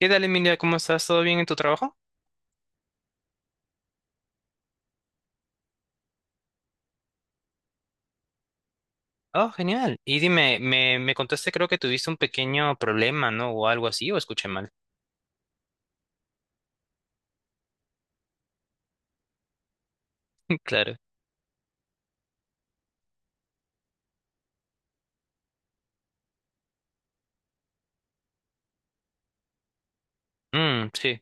¿Qué tal, Emilia? ¿Cómo estás? ¿Todo bien en tu trabajo? Oh, genial. Y dime, me contaste, creo que tuviste un pequeño problema, ¿no? O algo así, o escuché mal. Claro. Mm, sí.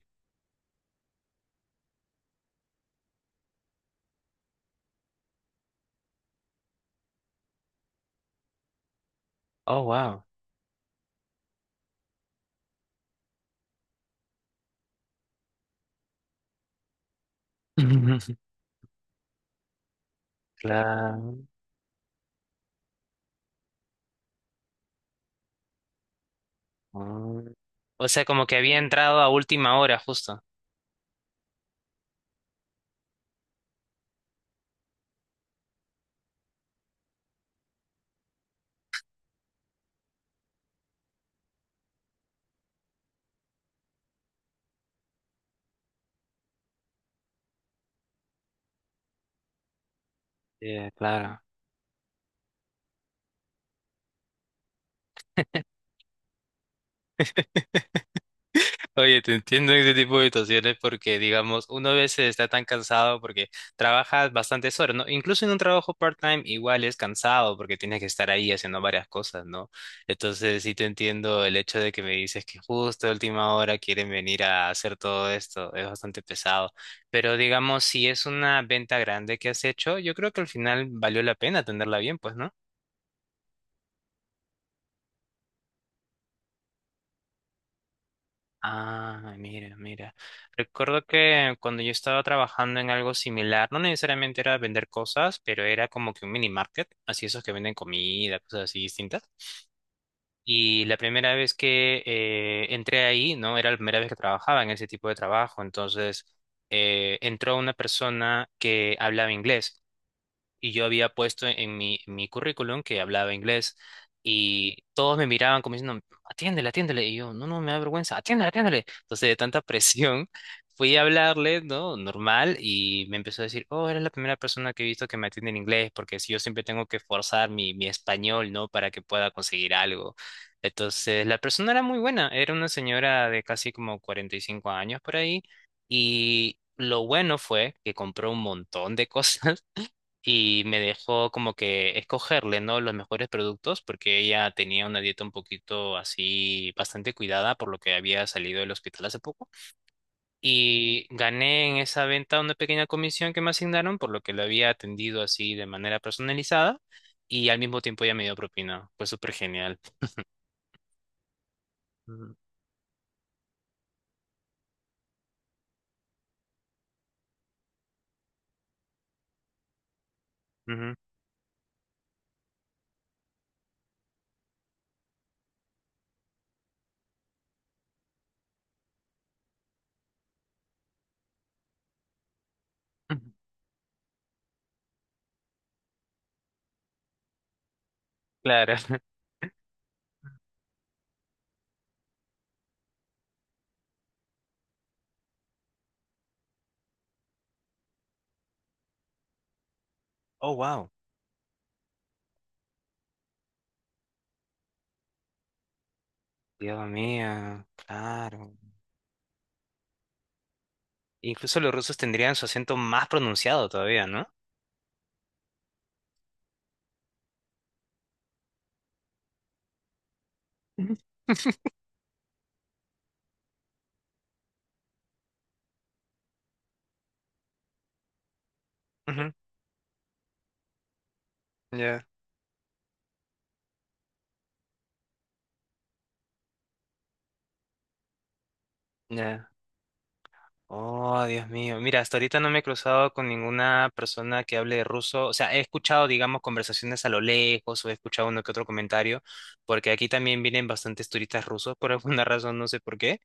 Oh, wow. Claro. Mm. O sea, como que había entrado a última hora, justo. Sí, claro. Oye, te entiendo en ese tipo de situaciones porque, digamos, uno a veces está tan cansado porque trabajas bastantes horas, ¿no? Incluso en un trabajo part-time igual es cansado porque tienes que estar ahí haciendo varias cosas, ¿no? Entonces sí te entiendo el hecho de que me dices que justo a última hora quieren venir a hacer todo esto, es bastante pesado. Pero, digamos, si es una venta grande que has hecho, yo creo que al final valió la pena tenerla bien, pues, ¿no? Ah, mira, mira. Recuerdo que cuando yo estaba trabajando en algo similar, no necesariamente era vender cosas, pero era como que un mini market, así esos que venden comida, cosas así distintas. Y la primera vez que entré ahí, ¿no? Era la primera vez que trabajaba en ese tipo de trabajo. Entonces, entró una persona que hablaba inglés y yo había puesto en en mi currículum que hablaba inglés y todos me miraban como diciendo, atiéndele, atiéndele. Y yo, no, no, me da vergüenza, atiéndele, atiéndele. Entonces, de tanta presión, fui a hablarle, ¿no? Normal y me empezó a decir, oh, eres la primera persona que he visto que me atiende en inglés porque si yo siempre tengo que forzar mi español, ¿no? Para que pueda conseguir algo. Entonces, la persona era muy buena, era una señora de casi como 45 años por ahí y... Lo bueno fue que compró un montón de cosas y me dejó como que escogerle, ¿no? Los mejores productos porque ella tenía una dieta un poquito así bastante cuidada por lo que había salido del hospital hace poco y gané en esa venta una pequeña comisión que me asignaron por lo que lo había atendido así de manera personalizada y al mismo tiempo ella me dio propina. Fue súper genial. Ujú, ujú, ujú. Claro. Oh, wow. Dios mío, claro. Incluso los rusos tendrían su acento más pronunciado todavía, ¿no? Ujú. Ya, ya. Oh, Dios mío. Mira, hasta ahorita no me he cruzado con ninguna persona que hable ruso. O sea, he escuchado, digamos, conversaciones a lo lejos o he escuchado uno que otro comentario, porque aquí también vienen bastantes turistas rusos por alguna razón, no sé por qué.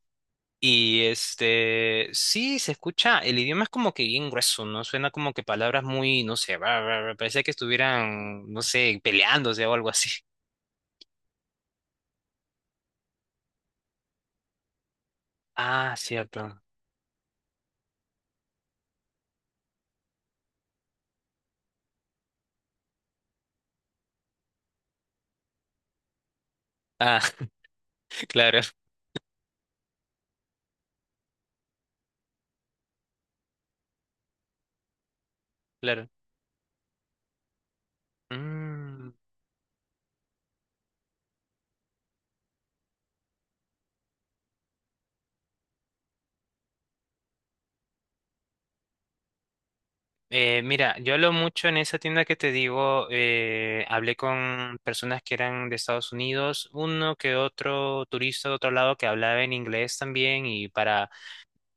Y este, sí, se escucha, el idioma es como que bien grueso, ¿no? Suena como que palabras muy, no sé, bla, bla, bla, parecía que estuvieran, no sé, peleándose o algo así. Ah, cierto. Ah, claro, claro. Mm. Mira, yo hablo mucho en esa tienda que te digo, hablé con personas que eran de Estados Unidos, uno que otro turista de otro lado que hablaba en inglés también y para...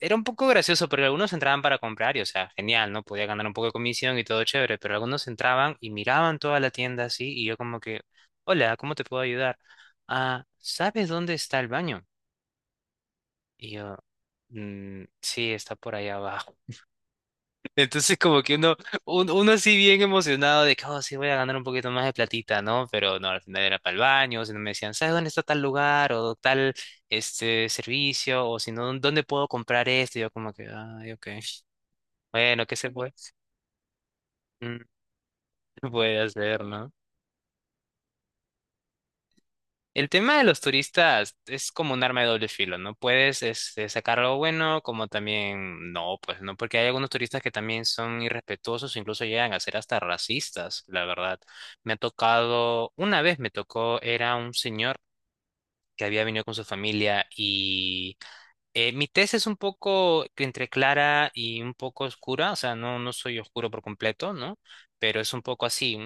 Era un poco gracioso, pero algunos entraban para comprar y, o sea, genial, ¿no? Podía ganar un poco de comisión y todo chévere, pero algunos entraban y miraban toda la tienda así y yo como que, hola, ¿cómo te puedo ayudar? Ah, ¿sabes dónde está el baño? Y yo, "Mm, sí, está por ahí abajo. Entonces como que uno, uno así bien emocionado de que, oh, sí voy a ganar un poquito más de platita, ¿no? Pero no, al final era para el baño, si no me decían, ¿sabes dónde está tal lugar o tal este servicio? O si no, ¿dónde puedo comprar esto? Y yo como que, ay, ok. Bueno, ¿qué se puede? Mm, ¿qué se puede hacer, no? El tema de los turistas es como un arma de doble filo, ¿no? Puedes este, sacar algo bueno, como también no, pues no, porque hay algunos turistas que también son irrespetuosos, incluso llegan a ser hasta racistas, la verdad. Me ha tocado, una vez me tocó, era un señor que había venido con su familia y mi tez es un poco entre clara y un poco oscura, o sea, no, no soy oscuro por completo, ¿no? Pero es un poco así,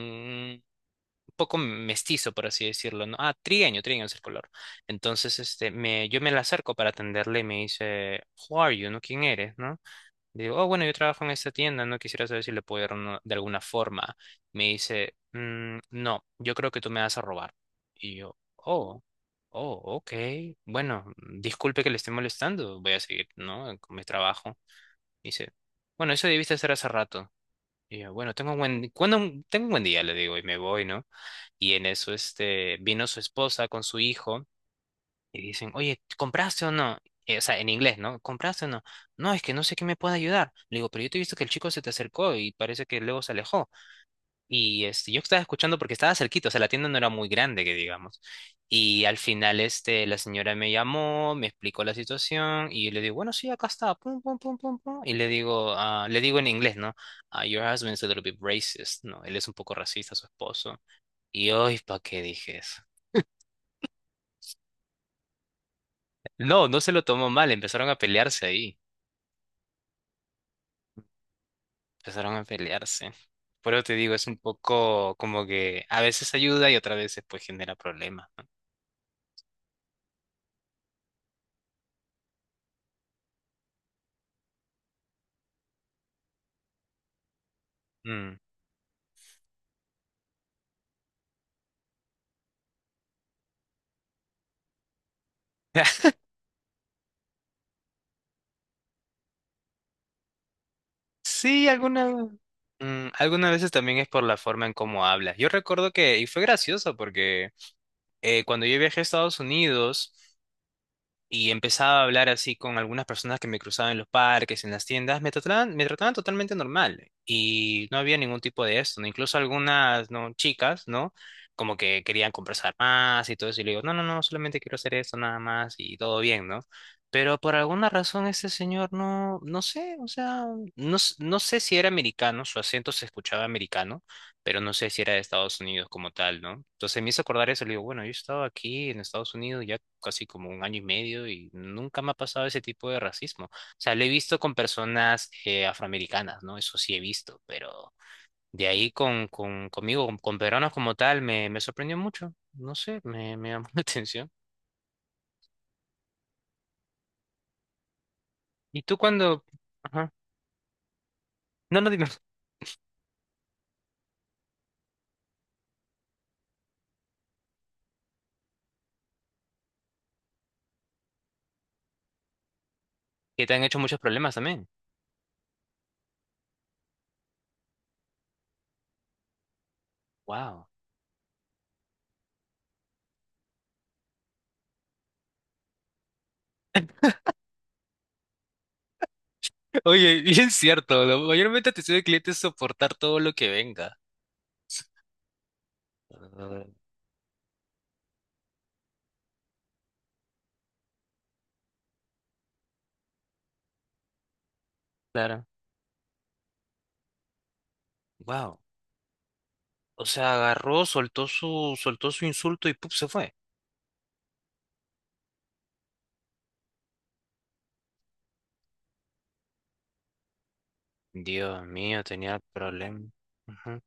poco mestizo, por así decirlo, ¿no? Ah, trigueño, trigueño es el color. Entonces, este, me, yo me la acerco para atenderle y me dice, Who are you, ¿no? ¿Quién eres, no? Le digo, oh, bueno, yo trabajo en esta tienda, ¿no? Quisiera saber si le puedo ayudar de alguna forma. Me dice, "Mm, no, yo creo que tú me vas a robar. Y yo, oh, oh, ok. Bueno, disculpe que le esté molestando, voy a seguir, ¿no? Con mi trabajo. Dice, bueno, eso debiste hacer hace rato. Y yo, tengo un buen día, le digo, y me voy, ¿no? Y en eso, este, vino su esposa con su hijo y dicen, oye, ¿compraste o no? O sea, en inglés, ¿no? ¿Compraste o no? No, es que no sé qué me puede ayudar. Le digo, pero yo te he visto que el chico se te acercó y parece que luego se alejó. Y este, yo estaba escuchando porque estaba cerquito, o sea, la tienda no era muy grande, que digamos. Y al final, este, la señora me llamó, me explicó la situación y le digo, bueno, sí, acá está, pum, pum, pum, pum, pum. Y le digo, ah, le digo en inglés, ¿no? Ah, your husband's a little bit racist, ¿no? Él es un poco racista, su esposo. Y hoy, ¿para qué dije eso? No, no se lo tomó mal, empezaron a pelearse ahí, empezaron a pelearse. Por eso te digo, es un poco como que a veces ayuda y otras veces pues genera problemas. ¿No? Mm. Sí, mm, algunas veces también es por la forma en cómo hablas. Yo recuerdo que, y fue gracioso porque cuando yo viajé a Estados Unidos, y empezaba a hablar así con algunas personas que me cruzaban en los parques, en las tiendas, me trataban totalmente normal y no había ningún tipo de esto, ¿no? Incluso algunas, ¿no? chicas, ¿no? Como que querían conversar más y todo eso, y le digo, no, no, no, solamente quiero hacer esto nada más y todo bien, ¿no? Pero por alguna razón este señor no, no sé, o sea, no, no sé si era americano, su acento se escuchaba americano pero no sé si era de Estados Unidos como tal, ¿no? Entonces me hizo acordar eso, le digo, bueno, yo he estado aquí en Estados Unidos ya casi como un año y medio y nunca me ha pasado ese tipo de racismo. O sea, lo he visto con personas afroamericanas, ¿no? Eso sí he visto, pero de ahí con, conmigo, con peruanos como tal, me sorprendió mucho, no sé, me llamó la atención. ¿Y tú cuando... Ajá. No, no, dime. Que te han hecho muchos problemas también. Wow. Oye, bien cierto, ¿no? Mayormente te soy de cliente es soportar todo lo que venga. Ah, claro. Wow. O sea, agarró, soltó su insulto y ¡pup! Se fue. Dios mío, tenía el problema. Ujú.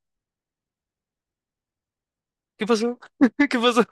¿Qué pasó? ¿Qué pasó?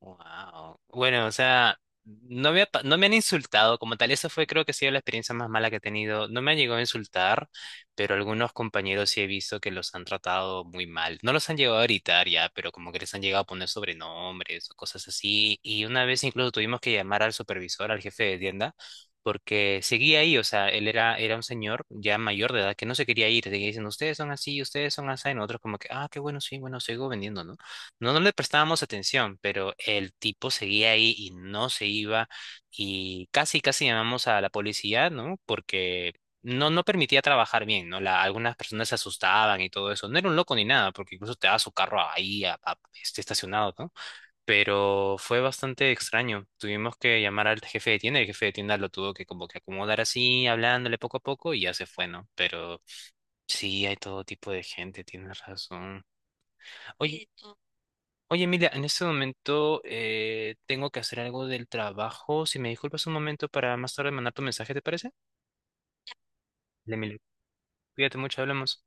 Wow. Bueno, o sea, no me han insultado como tal. Esa fue, creo que ha sido la experiencia más mala que he tenido. No me han llegado a insultar, pero algunos compañeros sí he visto que los han tratado muy mal. No los han llegado a gritar ya, pero como que les han llegado a poner sobrenombres o cosas así. Y una vez incluso tuvimos que llamar al supervisor, al jefe de tienda, porque seguía ahí. O sea, era un señor ya mayor de edad que no se quería ir. Seguía diciendo, ustedes son así, ustedes son así. Y nosotros como que, ah, qué bueno, sí, bueno, sigo vendiendo, ¿no? No, no le prestábamos atención, pero el tipo seguía ahí y no se iba y casi llamamos a la policía, ¿no? Porque no, no permitía trabajar bien, ¿no? La- algunas personas se asustaban y todo eso. No era un loco ni nada, porque incluso te daba su carro ahí este, estacionado, ¿no? Pero fue bastante extraño. Tuvimos que llamar al jefe de tienda y el jefe de tienda lo tuvo que como que acomodar así, hablándole poco a poco y ya se fue, ¿no? Pero sí, hay todo tipo de gente, tienes razón. Oye, Oye, Emilia, en este momento tengo que hacer algo del trabajo. Si me disculpas un momento para más tarde mandar tu mensaje, ¿te parece? Dale, Emilia, cuídate mucho, hablamos.